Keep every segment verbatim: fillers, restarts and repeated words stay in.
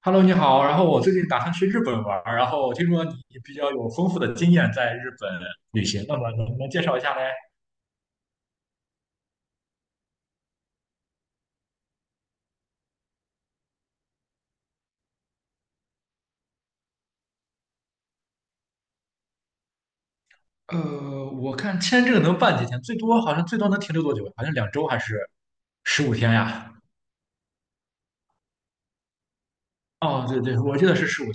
Hello，你好。然后我最近打算去日本玩儿然后听说你比较有丰富的经验在日本旅行，那么能不能介绍一下嘞？呃，我看签证能办几天，最多好像最多能停留多久？好像两周还是十五天呀？哦，对对，我记得是十五天。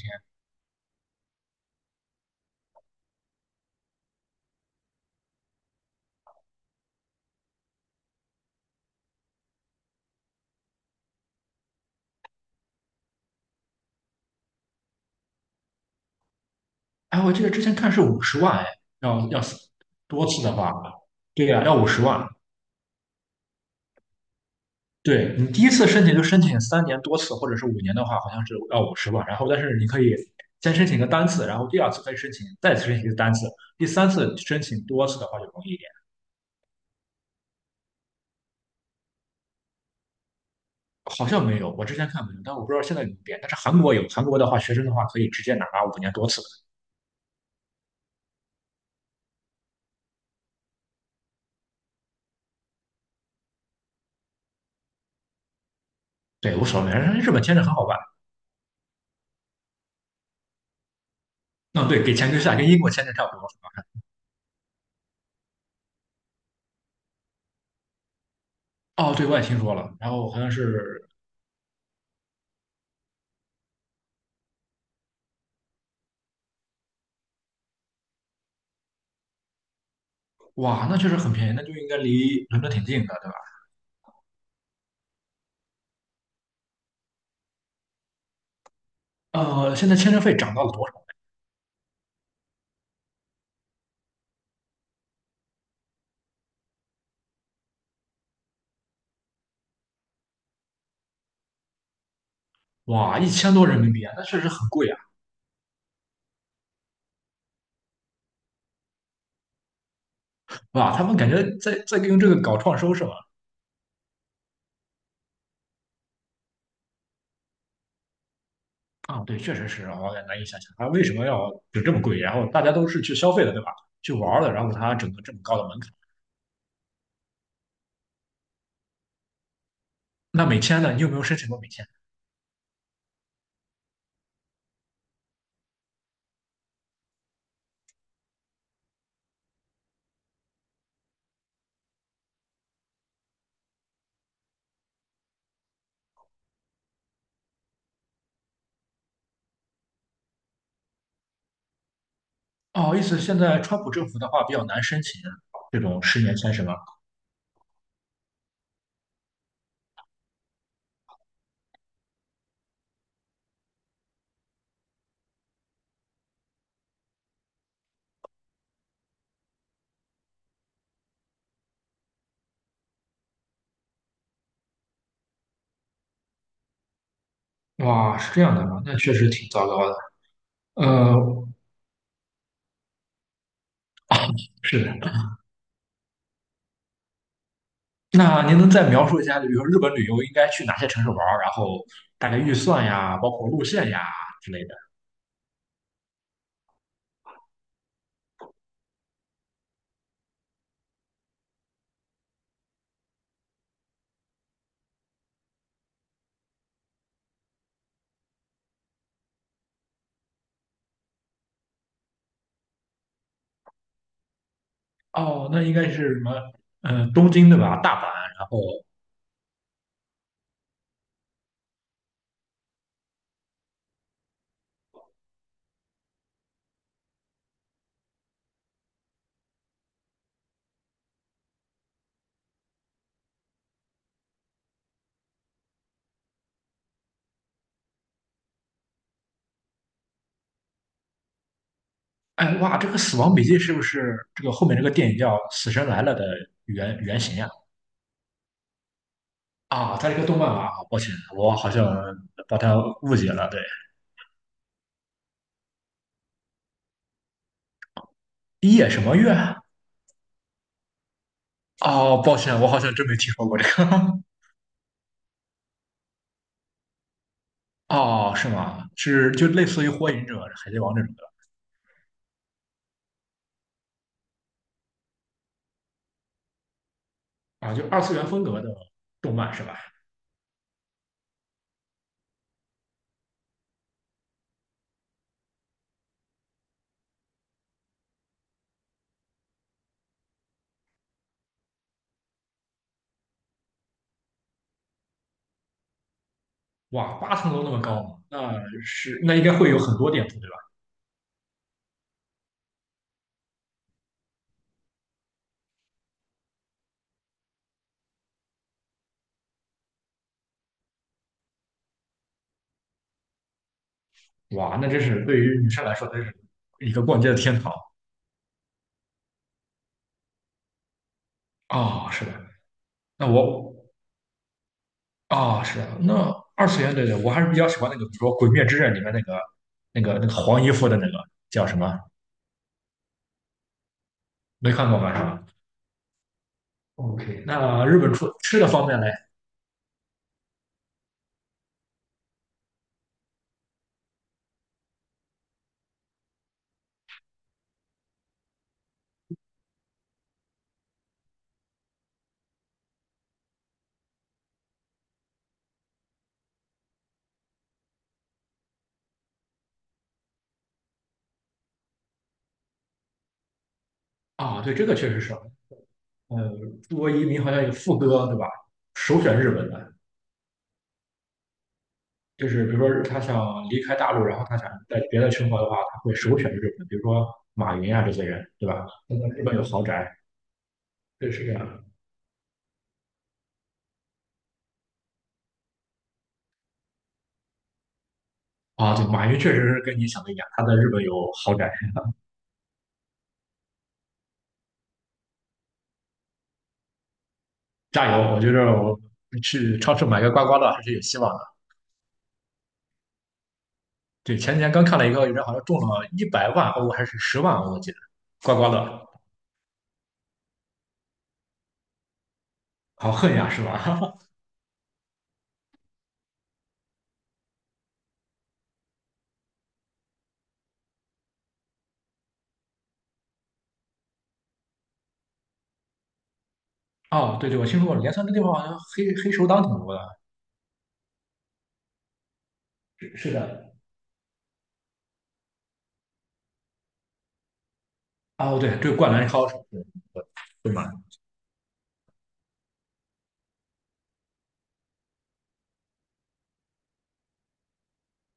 哎，我记得之前看是五十万，哎，要要是多次的话，对呀、要五十万。对你第一次申请就申请三年多次，或者是五年的话，好像是要五十吧。然后，但是你可以先申请个单次，然后第二次可以申请，再次申请一个单次，第三次申请多次的话就容易一点。好像没有，我之前看没有，但我不知道现在有没有变。但是韩国有，韩国的话，学生的话可以直接拿五年多次，对，无所谓。日本签证很好办，嗯，对，给钱就下，跟英国签证差不多是吧？哦，对，我也听说了。然后好像是，哇，那确实很便宜，那就应该离伦敦挺近的，对吧？呃，现在签证费涨到了多少？哇，一千多人民币啊，那确实很贵啊！哇，他们感觉在在用这个搞创收是吧？啊，对，确实是啊，我也难以想象他为什么要就这么贵。然后大家都是去消费的，对吧？去玩儿的，然后他整个这么高的门槛。那美签呢？你有没有申请过美签？哦，意思现在川普政府的话比较难申请这种十年签是吧？哇，是这样的啊，那确实挺糟糕的。呃，是的。那您能再描述一下，比如说日本旅游应该去哪些城市玩儿，然后大概预算呀，包括路线呀之类的？哦，那应该是什么？嗯、东京对吧？大阪，然后，哎，哇，这个《死亡笔记》是不是这个后面这个电影叫《死神来了》的原原型呀？啊，它是一个动漫吧啊，抱歉，我好像把它误解了。对，夜什么月啊？哦，抱歉，我好像真没听说过这个。哦，是吗？是就类似于《火影忍者》《海贼王》这种的啊，就二次元风格的动漫是吧？哇，八层楼那么高吗，那是那应该会有很多店铺对吧？哇，那真是对于女生来说，真是一个逛街的天堂啊、是的，那我啊、是的，那二次元，对对，我还是比较喜欢那个，比如说《鬼灭之刃》里面那个、那个、那个黄衣服的那个叫什么？没看过吧？是吧？OK，那日本出吃的方面嘞？啊、对，这个确实是，呃，中国移民好像有副歌，对吧？首选日本的，就是比如说他想离开大陆，然后他想在别的生活的话，他会首选日本，比如说马云啊这些人，对吧？他在日本有豪宅，对，是这样。啊，对，马云确实是跟你想的一样，他在日本有豪宅。加油！我觉得我去超市买个刮刮乐还是有希望的。对，前几天刚看了一个人好像中了一百万欧还是十万欧，我记得刮刮乐，好恨呀，是吧？哦，对对，我听说过镰仓这地方好像黑黑手党挺多的。是是的。哦，对，这个灌篮高手，对，我，对吧？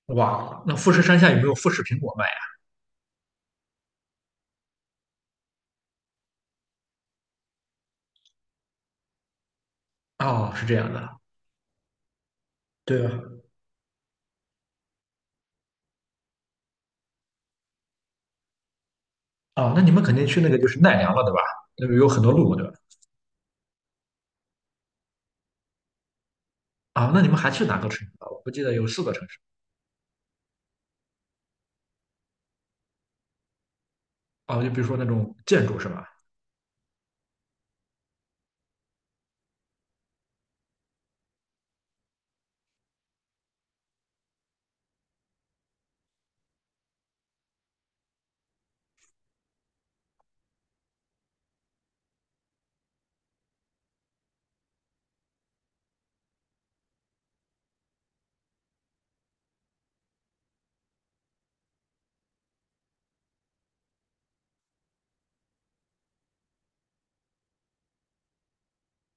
哇，那富士山下有没有富士苹果卖呀？哦，是这样的。对啊，哦，那你们肯定去那个就是奈良了，对吧？那个有很多路，对吧？啊，那你们还去哪个城市了？我不记得有四个城市。哦，就比如说那种建筑是吧？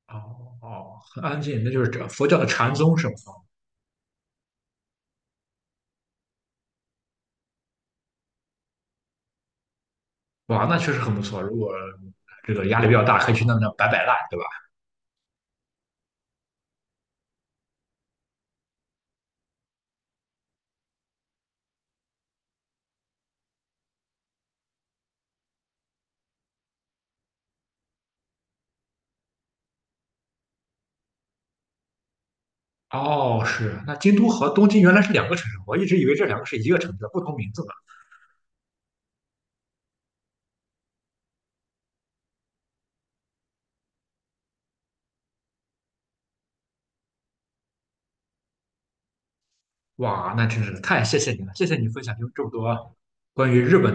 哦哦，很安静，那就是这佛教的禅宗是吧？哇，那确实很不错。如果这个压力比较大，可以去那那摆摆烂，对吧？哦，是。那京都和东京原来是两个城市，我一直以为这两个是一个城市，不同名字呢。哇，那真是太谢谢你了，谢谢你分享这么多关于日本。